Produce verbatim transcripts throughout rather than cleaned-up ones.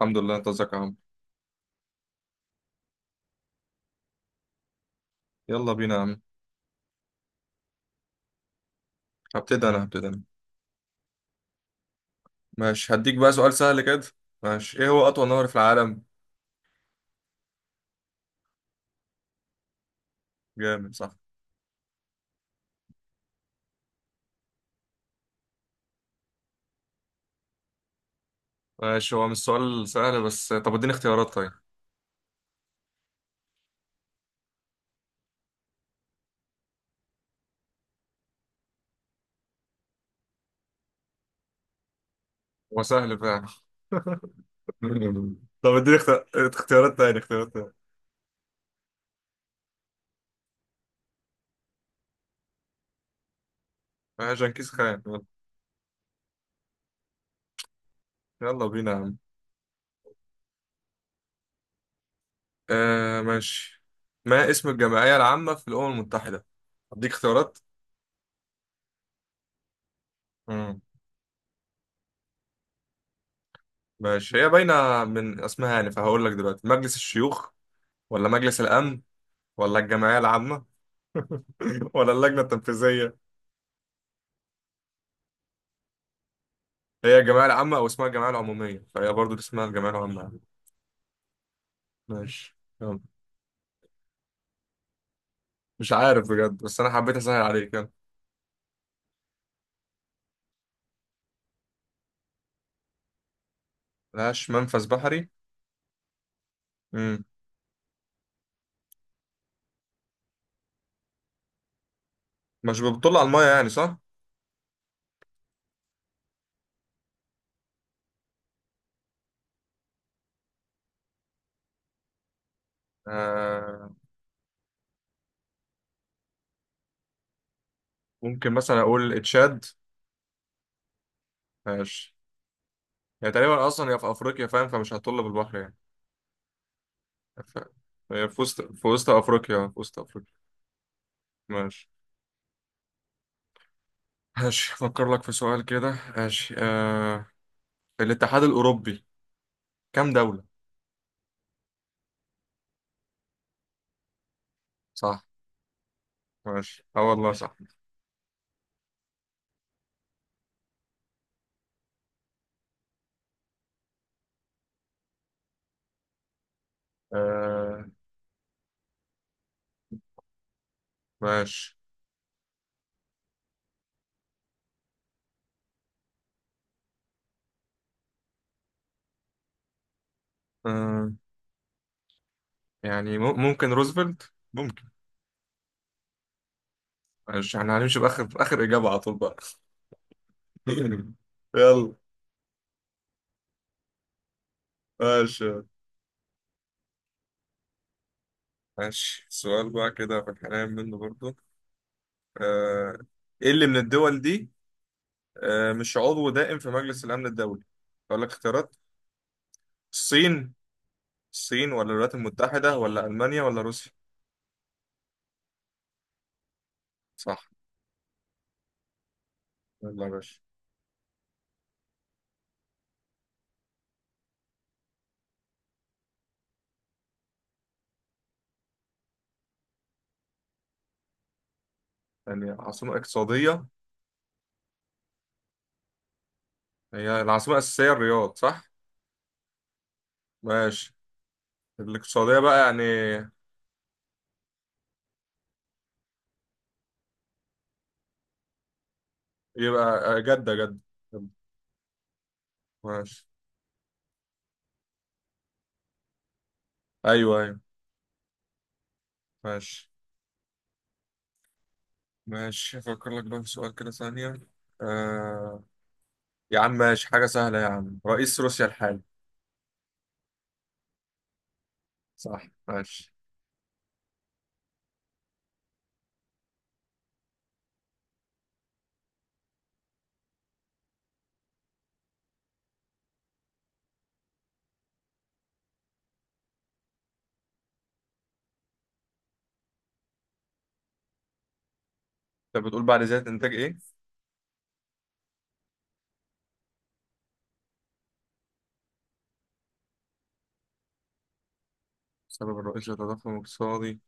الحمد لله. انت ازيك يا عم؟ يلا بينا يا عم. هبتدي انا هبتدي انا ماشي، هديك بقى سؤال سهل كده. ماشي، ايه هو اطول نهر في العالم؟ جامد، صح. ماشي، هو مش سؤال سهل بس طب اديني اختيارات طيب. هو سهل فعلا. طب اديني اخت- اختيارات تاني، اختيارات تاني. آه، جنكيز خان، يلا. يلا بينا يا عم. آه ماشي. ما اسم الجمعية العامة في الأمم المتحدة؟ اديك اختيارات. مم. ماشي، هي باينة من اسمها يعني، فهقول لك دلوقتي مجلس الشيوخ، ولا مجلس الأمن، ولا الجمعية العامة، ولا اللجنة التنفيذية. هي الجمعية العامة أو اسمها الجمعية العمومية، فهي برضو اسمها الجمعية العامة. ماشي، يلا. مش عارف بجد، بس أنا حبيت أسهل عليك، يلا. ملهاش منفذ بحري. مم. مش بتطل على المية يعني، صح؟ آه، ممكن مثلا أقول تشاد. ماشي، هي تقريبا أصلا هي في أفريقيا، فاهم، فمش هتطل بالبحر يعني. ف... هي في وسط في وسط أفريقيا في وسط أفريقيا ماشي. ماشي، أفكر لك في سؤال كده. ماشي، آه... الاتحاد الأوروبي، كام دولة؟ صح. ماشي، اه والله صح. آه ماشي. آه، يعني مم- ممكن روزفلت، ممكن. ماشي، احنا هنمشي بآخر بآخر إجابة على طول بقى. يلا. ماشي. ماشي، سؤال بقى كده في الحنان منه برضو. آه، ايه اللي من الدول دي، آه، مش عضو دائم في مجلس الأمن الدولي؟ أقول لك اختيارات. الصين، الصين ولا الولايات المتحدة ولا ألمانيا ولا روسيا؟ صح. يلا يا باشا. يعني عاصمة اقتصادية، هي العاصمة الأساسية الرياض، صح. ماشي، الاقتصادية بقى يعني. يبقى جدة، جدة. جدة. ماشي. أيوه أيوه. ماشي. ماشي، أفكر لك بقى في سؤال كده ثانية. آه... يا عم ماشي حاجة سهلة يا عم، رئيس روسيا الحالي. صح. ماشي. أنت بتقول بعد زيادة إنتاج إيه؟ السبب الرئيسي للتضخم الاقتصادي.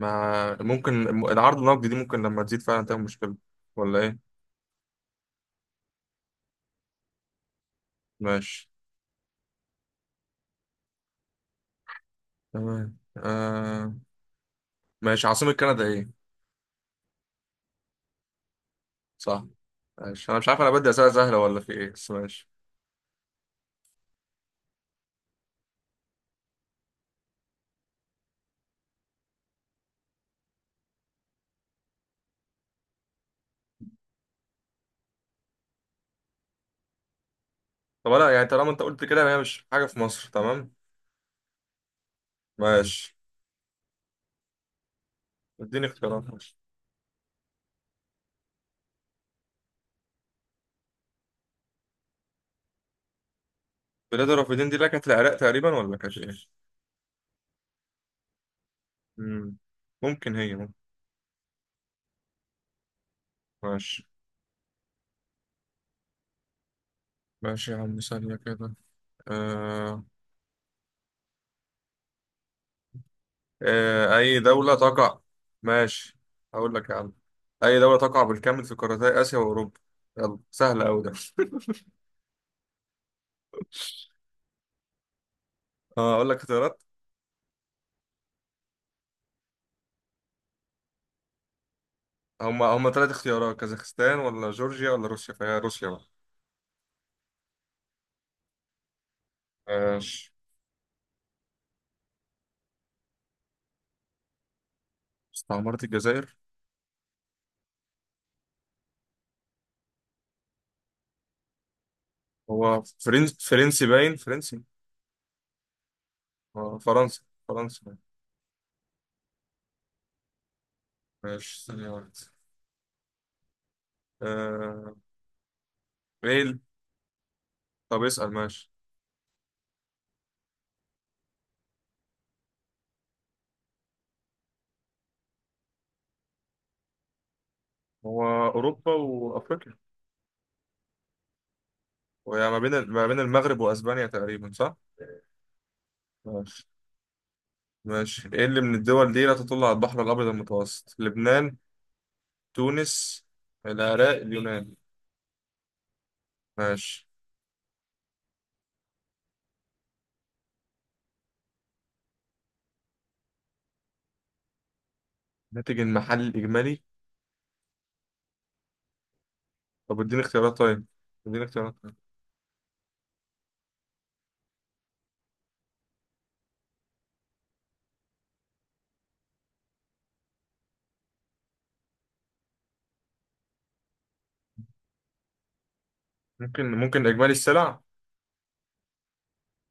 مع ممكن الم- العرض النقدي، دي ممكن لما تزيد فعلا تعمل مشكلة. ولا إيه؟ ماشي. تمام، آه... ماشي، عاصمة كندا إيه؟ صح. ماشي، أنا مش عارف، أنا بدي أسئلة سهلة ولا في إيه، بس ماشي. طب لا، يعني طالما أنت قلت كده يعني هي مش حاجة في مصر، تمام. ماشي. اديني اختيارات، ماشي. بلاد الرافدين دي اللي كانت العراق تقريبا، ولا كانت ايه؟ مم. ممكن، هي ممكن. ماشي. ماشي يا عم، ثانية كده. آه... آه... أي دولة تقع. ماشي، هقول لك يا عم. أي دولة تقع بالكامل في قارتي آسيا وأوروبا؟ يلا، سهلة أوي ده. آه، أقول لك اختيارات. هما هما تلات اختيارات، كازاخستان ولا جورجيا ولا روسيا، فهي روسيا بقى. ماشي. استعمرت الجزائر. هو فرنس فرنسي باين، فرنسي. آه، فرنسا. فرنسا. ماشي، ثانية واحدة. آه... ايه؟ طب اسأل، ماشي. هو أوروبا وأفريقيا. وهي ما بين ما بين المغرب وأسبانيا تقريبا، صح؟ ماشي. ماشي، ايه اللي من الدول دي لا تطل على البحر الأبيض المتوسط؟ لبنان، تونس، العراق، اليونان. ماشي. الناتج المحلي الإجمالي. طب اديني اختيارات طيب. اديني اختيارات طيب. ممكن، ممكن إجمالي السلع؟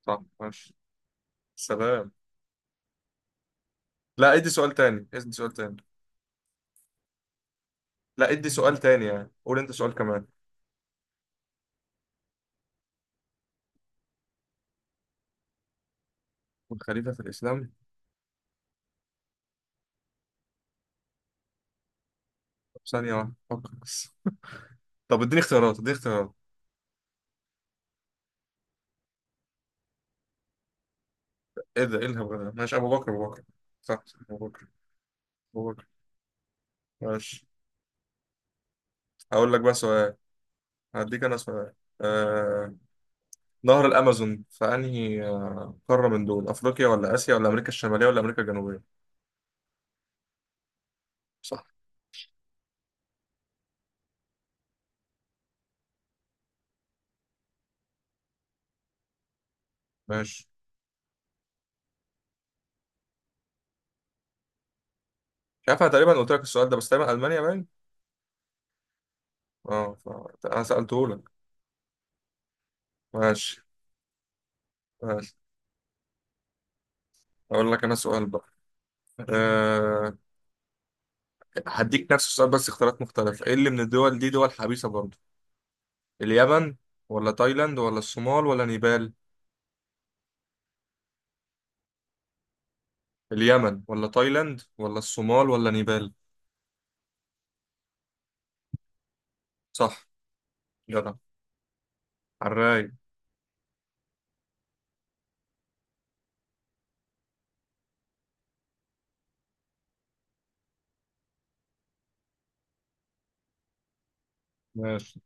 صح. ماشي. سلام. لا، ادي سؤال تاني، ادي سؤال تاني. لا، ادي سؤال تاني يعني، قول انت سؤال كمان. والخليفة في الإسلام. طب ثانية واحدة، فكر بس. طب اديني اختيارات، اديني اختيارات. ايه ده؟ ايه الهبل ده؟ ماشي، ابو بكر، ابو بكر. صح، صح، ابو بكر. ابو بكر. ماشي. هقول لك بقى سؤال. هديك انا سؤال. آه... نهر الامازون في انهي، آه، قاره؟ من دول افريقيا ولا اسيا ولا امريكا الشماليه ولا امريكا الجنوبيه؟ صح. ماشي. مش عارف، انا تقريبا قلت لك السؤال ده، بس تقريبا المانيا باين. اه، ف... انا سالته لك. ماشي. ماشي، هقول لك انا سؤال بقى. أه... هديك نفس السؤال بس اختيارات مختلفه. ايه اللي من الدول دي دول حبيسه برضه؟ اليمن ولا تايلاند ولا الصومال ولا نيبال؟ اليمن ولا تايلاند ولا الصومال ولا نيبال. صح. جدع. عالراي. ماشي.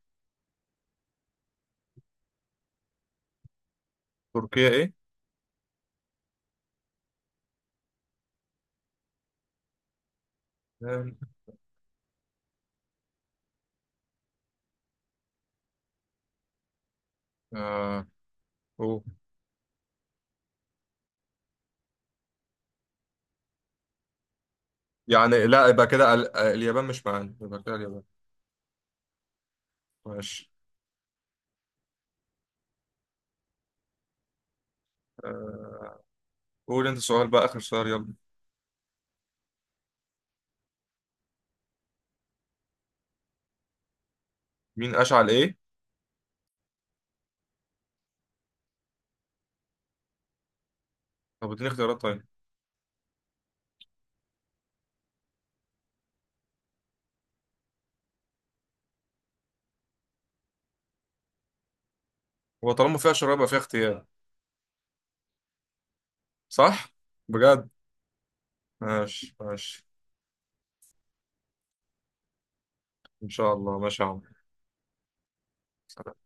تركيا ايه؟ آه. أوه. يعني لا، يبقى كده ال- آه، اليابان مش معانا، يبقى كده اليابان. ماشي. آه. قول انت سؤال بقى، اخر سؤال، يلا. مين اشعل ايه؟ طب اديني اختيارات طيب. هو طالما فيها شراب يبقى فيها اختيار. صح، بجد. ماشي، ماشي. ان شاء الله. ماشي يا عم.